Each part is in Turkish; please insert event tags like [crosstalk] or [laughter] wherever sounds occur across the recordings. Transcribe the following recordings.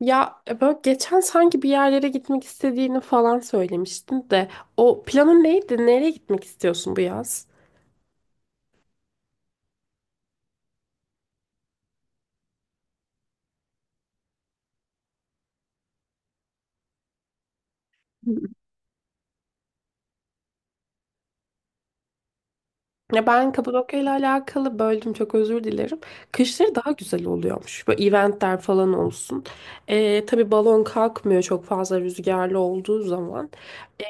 Ya böyle geçen sanki bir yerlere gitmek istediğini falan söylemiştin de o planın neydi? Nereye gitmek istiyorsun bu yaz? Ya ben Kapadokya ile alakalı böldüm, çok özür dilerim. Kışları daha güzel oluyormuş. Böyle eventler falan olsun. Tabii balon kalkmıyor çok fazla rüzgarlı olduğu zaman. E,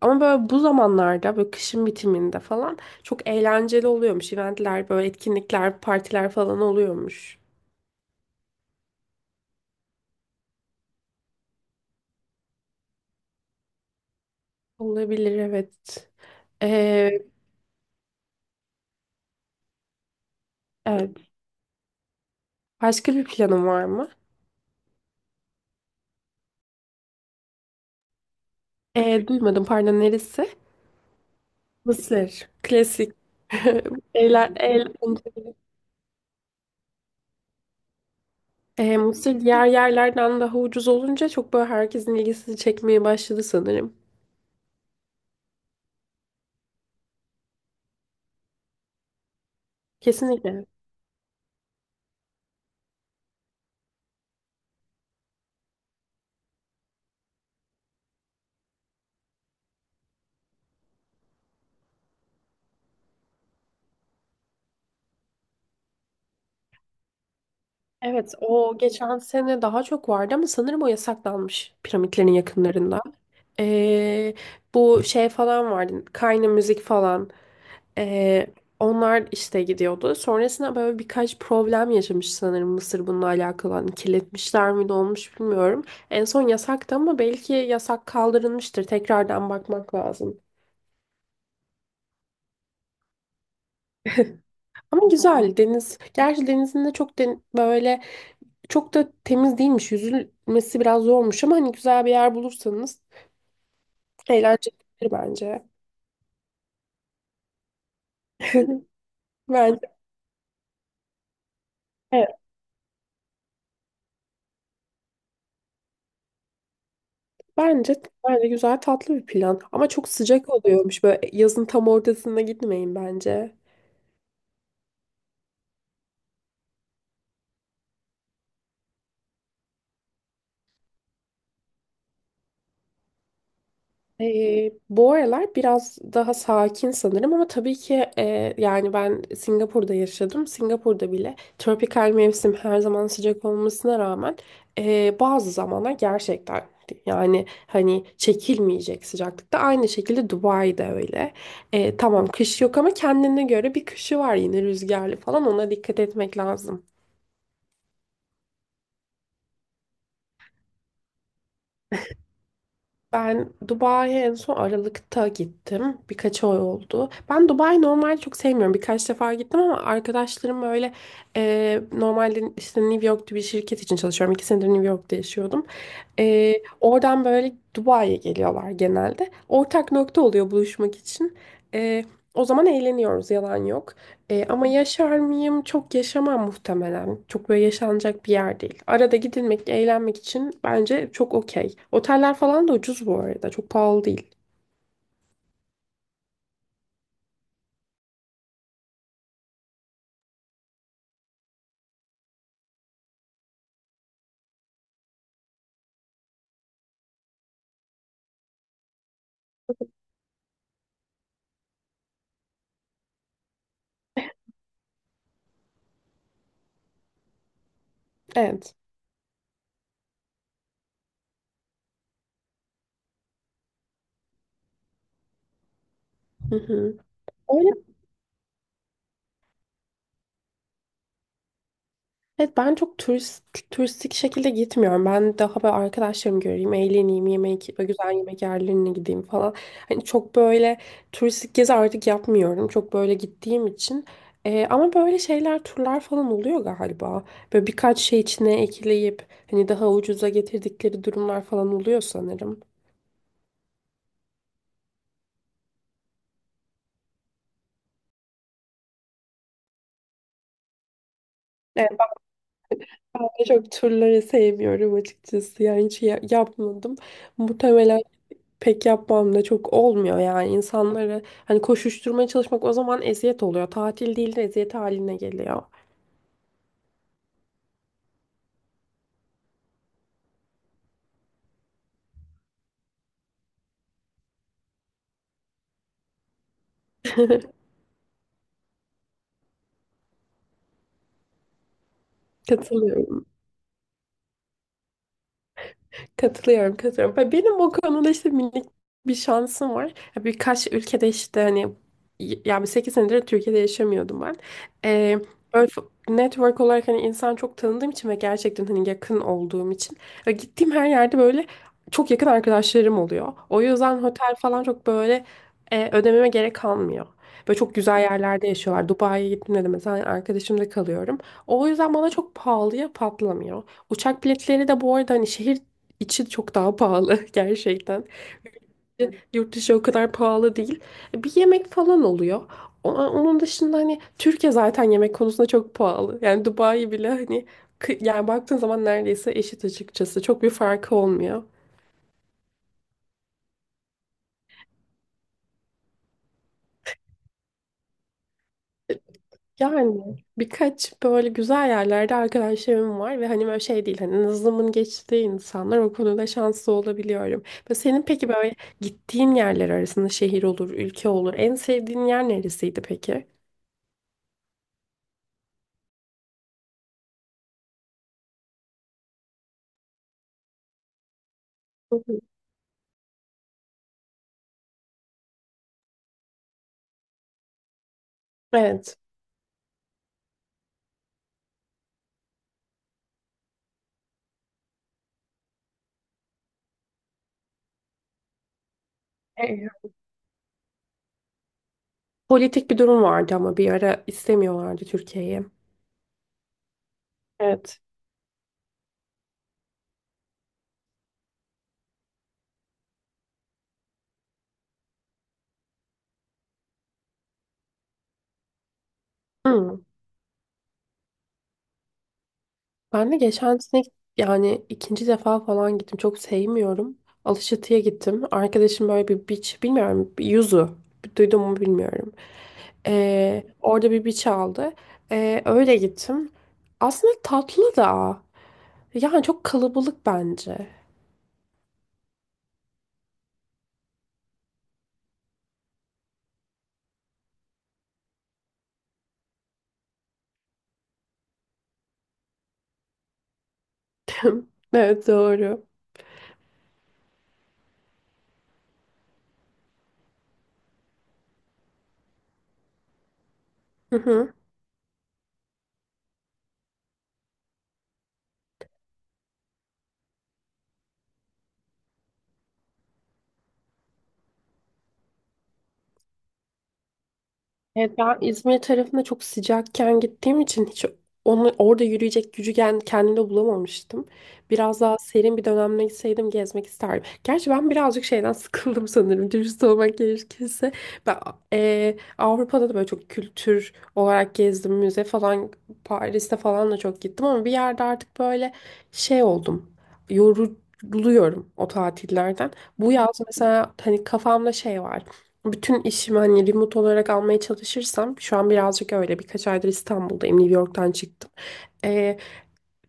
ama böyle bu zamanlarda böyle kışın bitiminde falan çok eğlenceli oluyormuş. Eventler böyle etkinlikler, partiler falan oluyormuş. Olabilir, evet. E, evet. Başka bir planın var mı? Duymadım, pardon, neresi? Mısır. Klasik. [laughs] Eyler, el, Mısır diğer yerlerden daha ucuz olunca çok böyle herkesin ilgisini çekmeye başladı sanırım. Kesinlikle. Evet, o geçen sene daha çok vardı ama sanırım o yasaklanmış piramitlerin yakınlarında. Ee, bu şey falan vardı, Kayna müzik falan. Ee, onlar işte gidiyordu. Sonrasında böyle birkaç problem yaşamış sanırım Mısır bununla alakalı. Hani kirletmişler mi ne olmuş bilmiyorum. En son yasaktı ama belki yasak kaldırılmıştır. Tekrardan bakmak lazım. Ama güzel deniz. Gerçi denizin de çok böyle çok da temiz değilmiş. Yüzülmesi biraz zormuş ama hani güzel bir yer bulursanız eğlencelidir bence. [laughs] Bence evet. Bence bence güzel tatlı bir plan. Ama çok sıcak oluyormuş. Böyle yazın tam ortasında gitmeyin bence. Bu aralar biraz daha sakin sanırım ama tabii ki yani ben Singapur'da yaşadım. Singapur'da bile tropikal mevsim her zaman sıcak olmasına rağmen bazı zamanlar gerçekten yani hani çekilmeyecek sıcaklıkta. Aynı şekilde Dubai'de öyle. Tamam, kış yok ama kendine göre bir kışı var, yine rüzgarlı falan, ona dikkat etmek lazım. Ben Dubai'ye en son Aralık'ta gittim. Birkaç ay oldu. Ben Dubai'yi normalde çok sevmiyorum. Birkaç defa gittim ama arkadaşlarım böyle normalde işte New York'ta bir şirket için çalışıyorum. 2 senedir New York'ta yaşıyordum. E, oradan böyle Dubai'ye geliyorlar genelde. Ortak nokta oluyor buluşmak için. E, o zaman eğleniyoruz, yalan yok. Ama yaşar mıyım? Çok yaşamam muhtemelen. Çok böyle yaşanacak bir yer değil. Arada gidilmek, eğlenmek için bence çok okey. Oteller falan da ucuz bu arada. Çok pahalı değil. Evet. Hı hı. Evet, ben çok turistik şekilde gitmiyorum. Ben daha böyle arkadaşlarımı göreyim, eğleneyim, yemek, böyle güzel yemek yerlerine gideyim falan. Hani çok böyle turistik gezi artık yapmıyorum. Çok böyle gittiğim için. Ama böyle şeyler, turlar falan oluyor galiba. Böyle birkaç şey içine ekleyip hani daha ucuza getirdikleri durumlar falan oluyor sanırım. Evet, ben de çok turları sevmiyorum açıkçası. Yani hiç yapmadım. Muhtemelen pek yapmam da, çok olmuyor yani insanları hani koşuşturmaya çalışmak, o zaman eziyet oluyor. Tatil değil de eziyet haline geliyor. [laughs] Katılıyorum. Katılıyorum, katılıyorum. Ve benim o konuda işte minik bir şansım var. Ya birkaç ülkede işte hani yani 8 senedir Türkiye'de yaşamıyordum ben. Ee, böyle network olarak hani insan çok tanıdığım için ve gerçekten hani yakın olduğum için ve gittiğim her yerde böyle çok yakın arkadaşlarım oluyor. O yüzden otel falan çok böyle ödememe gerek kalmıyor. Böyle çok güzel yerlerde yaşıyorlar. Dubai'ye gittiğimde de mesela arkadaşımda kalıyorum. O yüzden bana çok pahalıya patlamıyor. Uçak biletleri de bu arada hani şehir İçi çok daha pahalı [laughs] gerçekten. Yurt dışı o kadar pahalı değil. Bir yemek falan oluyor. Onun dışında hani Türkiye zaten yemek konusunda çok pahalı. Yani Dubai bile hani yani baktığın zaman neredeyse eşit açıkçası. Çok bir farkı olmuyor. Yani birkaç böyle güzel yerlerde arkadaşlarım var ve hani böyle şey değil, hani nazımın geçtiği insanlar, o konuda şanslı olabiliyorum. Ve senin peki böyle gittiğin yerler arasında şehir olur, ülke olur, en sevdiğin yer neresiydi peki? Hı hı. Evet. E, politik bir durum vardı ama bir ara istemiyorlardı Türkiye'yi. Evet. Ben de geçen sene yani ikinci defa falan gittim. Çok sevmiyorum. Alaçatı'ya gittim. Arkadaşım böyle bir beach, bilmiyorum, bir Yuzu. Duydum mu bilmiyorum. Orada bir beach aldı. Öyle gittim. Aslında tatlı da. Yani çok kalabalık bence. [laughs] Evet, doğru. [laughs] Evet, ben İzmir tarafında çok sıcakken gittiğim için hiç onu orada yürüyecek gücü kendimde bulamamıştım. Biraz daha serin bir dönemde gitseydim gezmek isterdim. Gerçi ben birazcık şeyden [laughs] sıkıldım sanırım, dürüst olmak gerekirse. Ben Avrupa'da da böyle çok kültür olarak gezdim. Müze falan, Paris'te falan da çok gittim ama bir yerde artık böyle şey oldum. Yoruluyorum o tatillerden. Bu yaz mesela hani kafamda şey var. Bütün işimi hani remote olarak almaya çalışırsam, şu an birazcık öyle, birkaç aydır İstanbul'dayım, New York'tan çıktım. Ee,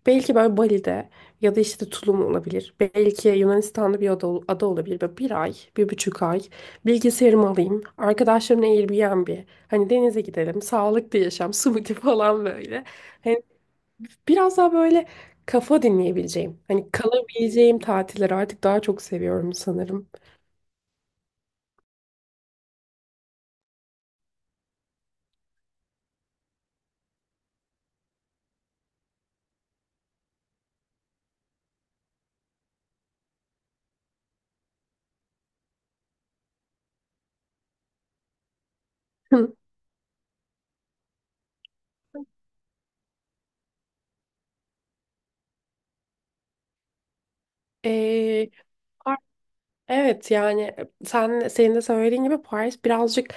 belki böyle Bali'de ya da işte Tulum olabilir. Belki Yunanistan'da bir ada olabilir. Böyle bir ay, 1,5 ay bilgisayarımı alayım. Arkadaşlarımla Airbnb. Hani denize gidelim, sağlıklı yaşam, [laughs] smoothie falan böyle. Hani biraz daha böyle kafa dinleyebileceğim, hani kalabileceğim tatilleri artık daha çok seviyorum sanırım. [laughs] Ee, evet yani sen, senin de söylediğin gibi Paris birazcık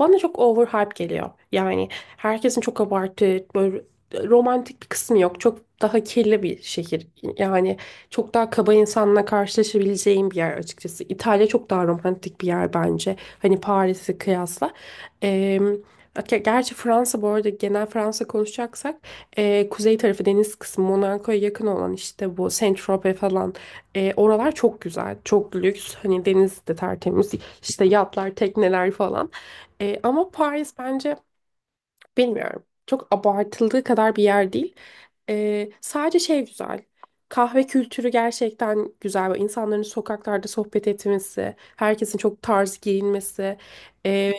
bana çok overhype geliyor. Yani herkesin çok abartı, böyle romantik bir kısmı yok. Çok daha kirli bir şehir. Yani çok daha kaba insanla karşılaşabileceğim bir yer açıkçası. İtalya çok daha romantik bir yer bence. Hani Paris'i kıyasla. Ee, gerçi Fransa, bu arada genel Fransa konuşacaksak kuzey tarafı, deniz kısmı, Monaco'ya yakın olan işte bu Saint-Tropez falan, oralar çok güzel. Çok lüks. Hani deniz de tertemiz. İşte yatlar, tekneler falan. Ama Paris bence, bilmiyorum, çok abartıldığı kadar bir yer değil. Sadece şey güzel. Kahve kültürü gerçekten güzel. Böyle İnsanların sokaklarda sohbet etmesi, herkesin çok tarz giyinmesi. E,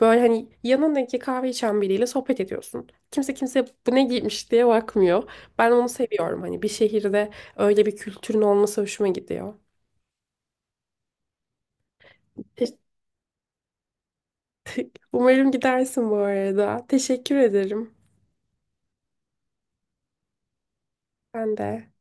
böyle hani yanındaki kahve içen biriyle sohbet ediyorsun. Kimse bu ne giymiş diye bakmıyor. Ben onu seviyorum. Hani bir şehirde öyle bir kültürün olması hoşuma gidiyor. Te- [laughs] Umarım gidersin bu arada. Teşekkür ederim. Ben de.